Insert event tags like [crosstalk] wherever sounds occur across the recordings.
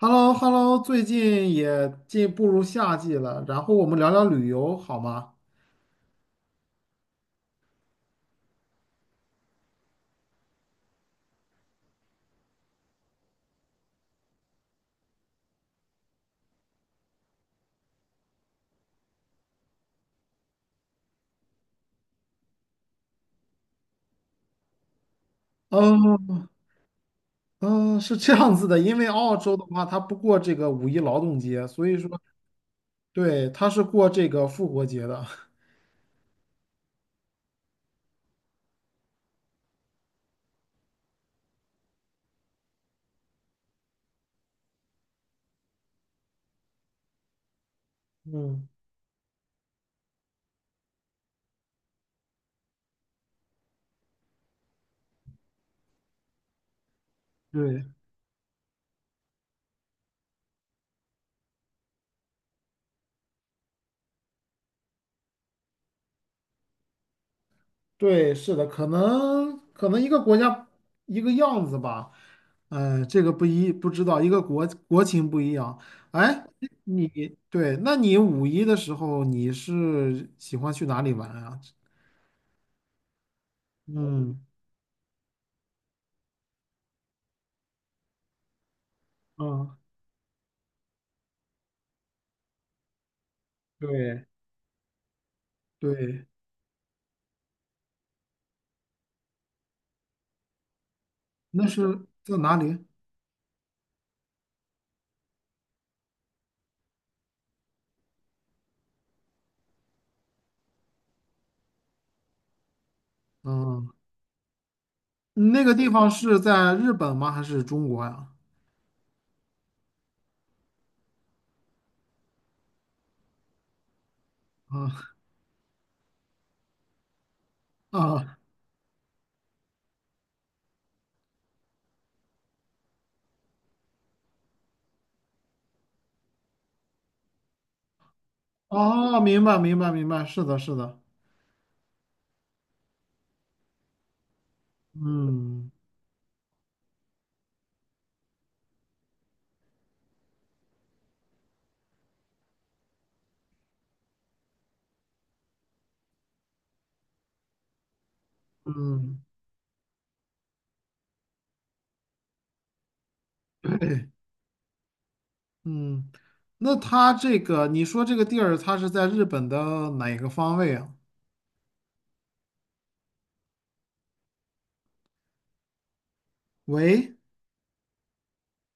h e l l o h e l l o 最近也进步入夏季了，然后我们聊聊旅游好吗？嗯嗯，是这样子的，因为澳洲的话，它不过这个五一劳动节，所以说对，它是过这个复活节的。[laughs] 嗯，对对，是的，可能一个国家一个样子吧，这个不知道，一个国情不一样。哎，[laughs] 你对，那你五一的时候你是喜欢去哪里玩啊？嗯。嗯，对对，那是在哪里？嗯，那个地方是在日本吗？还是中国呀？啊啊哦，明白明白明白，是的，是的，嗯嗯，对，嗯，那它这个你说这个地儿，它是在日本的哪个方位啊？喂，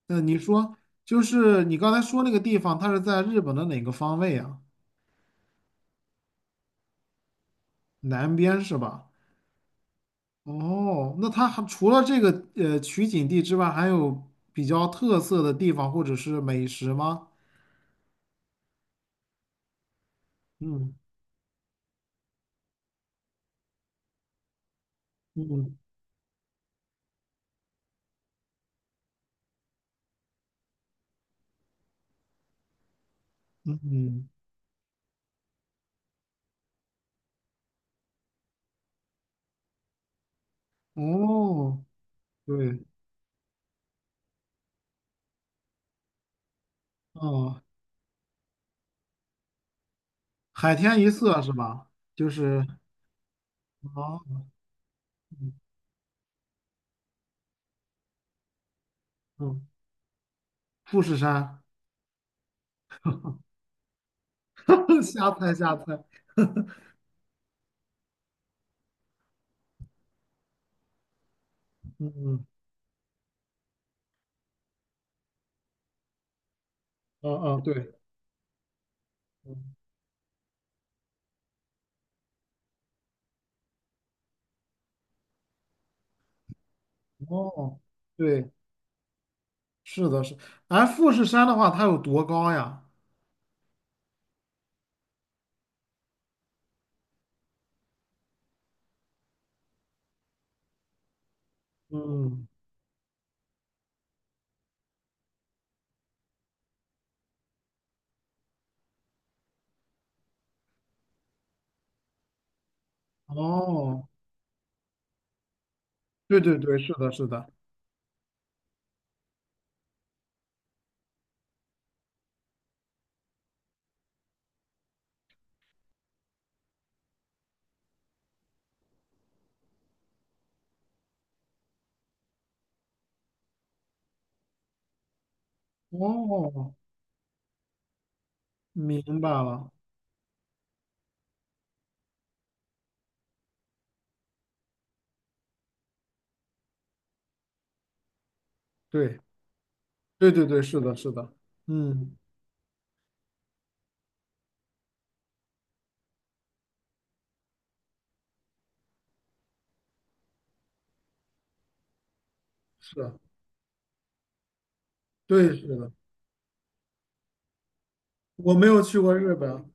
呃，你说就是你刚才说那个地方，它是在日本的哪个方位啊？南边是吧？哦，那它还除了这个取景地之外，还有比较特色的地方或者是美食吗？嗯嗯嗯，嗯，哦，对，哦，海天一色是吧？就是哦，嗯，嗯，富士山，[laughs] 瞎猜瞎猜，嗯嗯嗯嗯，对，嗯哦，对，是的是，哎，富士山的话，它有多高呀？嗯，哦，对对对，是的，是的，哦，明白了，对，对对对，是的，是的，嗯，是对，是的，我没有去过日本，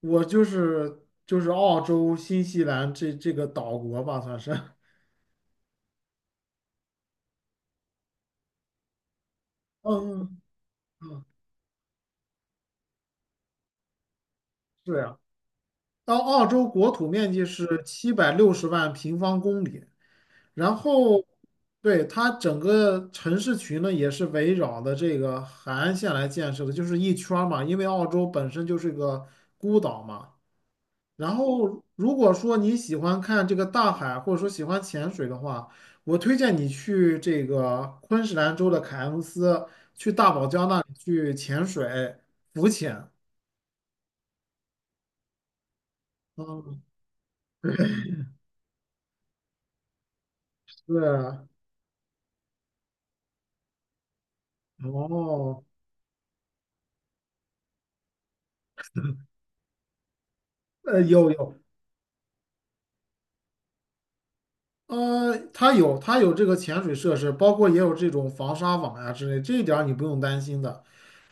我就是澳洲、新西兰这个岛国吧，算是，[laughs] 嗯，是呀，澳洲国土面积是760万平方公里，然后对它整个城市群呢也是围绕的这个海岸线来建设的，就是一圈儿嘛，因为澳洲本身就是个孤岛嘛。然后，如果说你喜欢看这个大海，或者说喜欢潜水的话，我推荐你去这个昆士兰州的凯恩斯，去大堡礁那里去潜水、浮潜。嗯，对，哦，有有，它有这个潜水设施，包括也有这种防沙网呀、之类，这一点儿你不用担心的。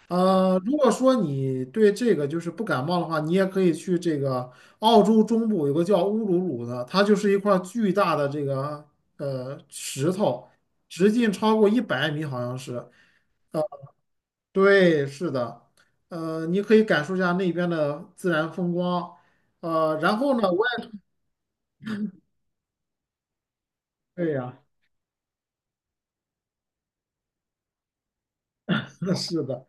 如果说你对这个就是不感冒的话，你也可以去这个澳洲中部有个叫乌鲁鲁的，它就是一块儿巨大的这个石头，直径超过100米，好像是。对，是的，你可以感受一下那边的自然风光。然后呢，我也对呀、[laughs] 是的，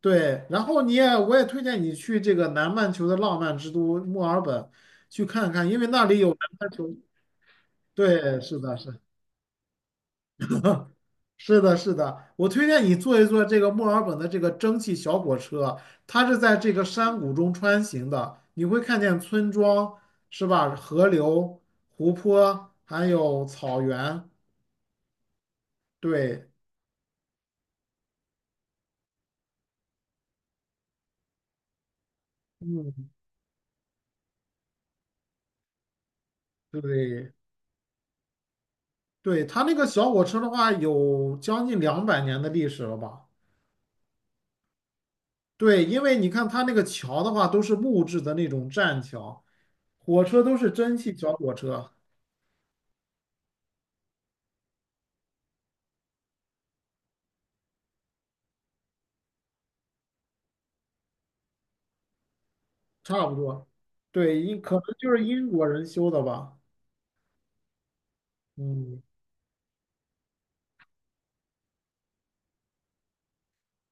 对，然后我也推荐你去这个南半球的浪漫之都墨尔本去看看，因为那里有南半球。对，是的，是的。是的，是的，我推荐你坐一坐这个墨尔本的这个蒸汽小火车，它是在这个山谷中穿行的，你会看见村庄，是吧？河流、湖泊，还有草原。对，嗯，对，对，它那个小火车的话，有将近200年的历史了吧？对，因为你看它那个桥的话，都是木质的那种栈桥，火车都是蒸汽小火车，差不多。对，可能就是英国人修的吧。嗯，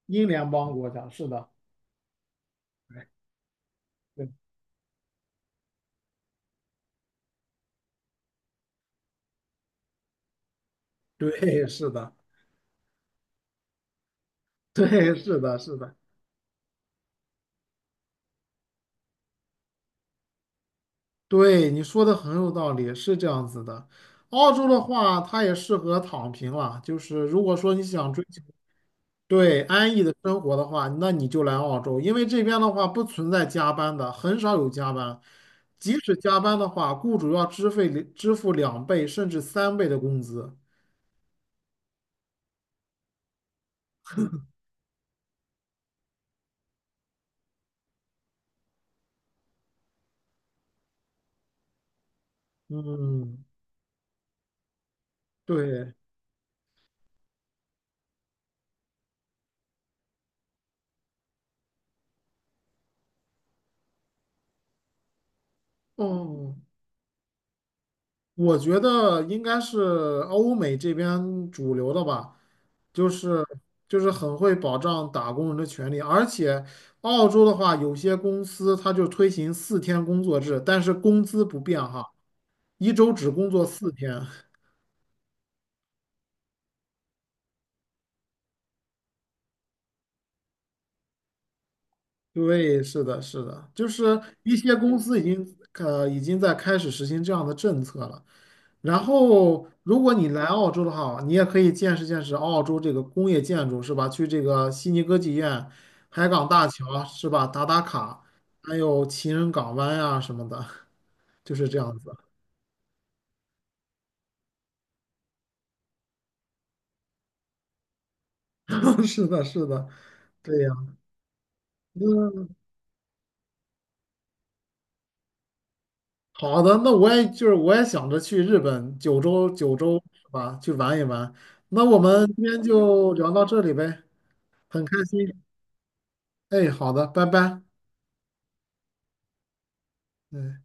英联邦国家是的，对 [laughs] 对，是的，对，是的，是的，对，你说的很有道理，是这样子的。澳洲的话，它也适合躺平了，就是如果说你想追求对安逸的生活的话，那你就来澳洲，因为这边的话不存在加班的，很少有加班。即使加班的话，雇主要支费支付2倍甚至3倍的工资。嗯，对，哦，我觉得应该是欧美这边主流的吧，就是就是很会保障打工人的权利，而且澳洲的话，有些公司它就推行四天工作制，但是工资不变哈，一周只工作四天。对，是的，是的，就是一些公司已经已经在开始实行这样的政策了。然后，如果你来澳洲的话，你也可以见识见识澳洲这个工业建筑，是吧？去这个悉尼歌剧院、海港大桥，是吧？打卡，还有情人港湾呀、什么的，[laughs] 就是这样子。[laughs] 是的，是的，对呀。嗯，好的，那我也就是我也想着去日本九州是吧，去玩一玩。那我们今天就聊到这里呗，很开心。哎，好的，拜拜。嗯。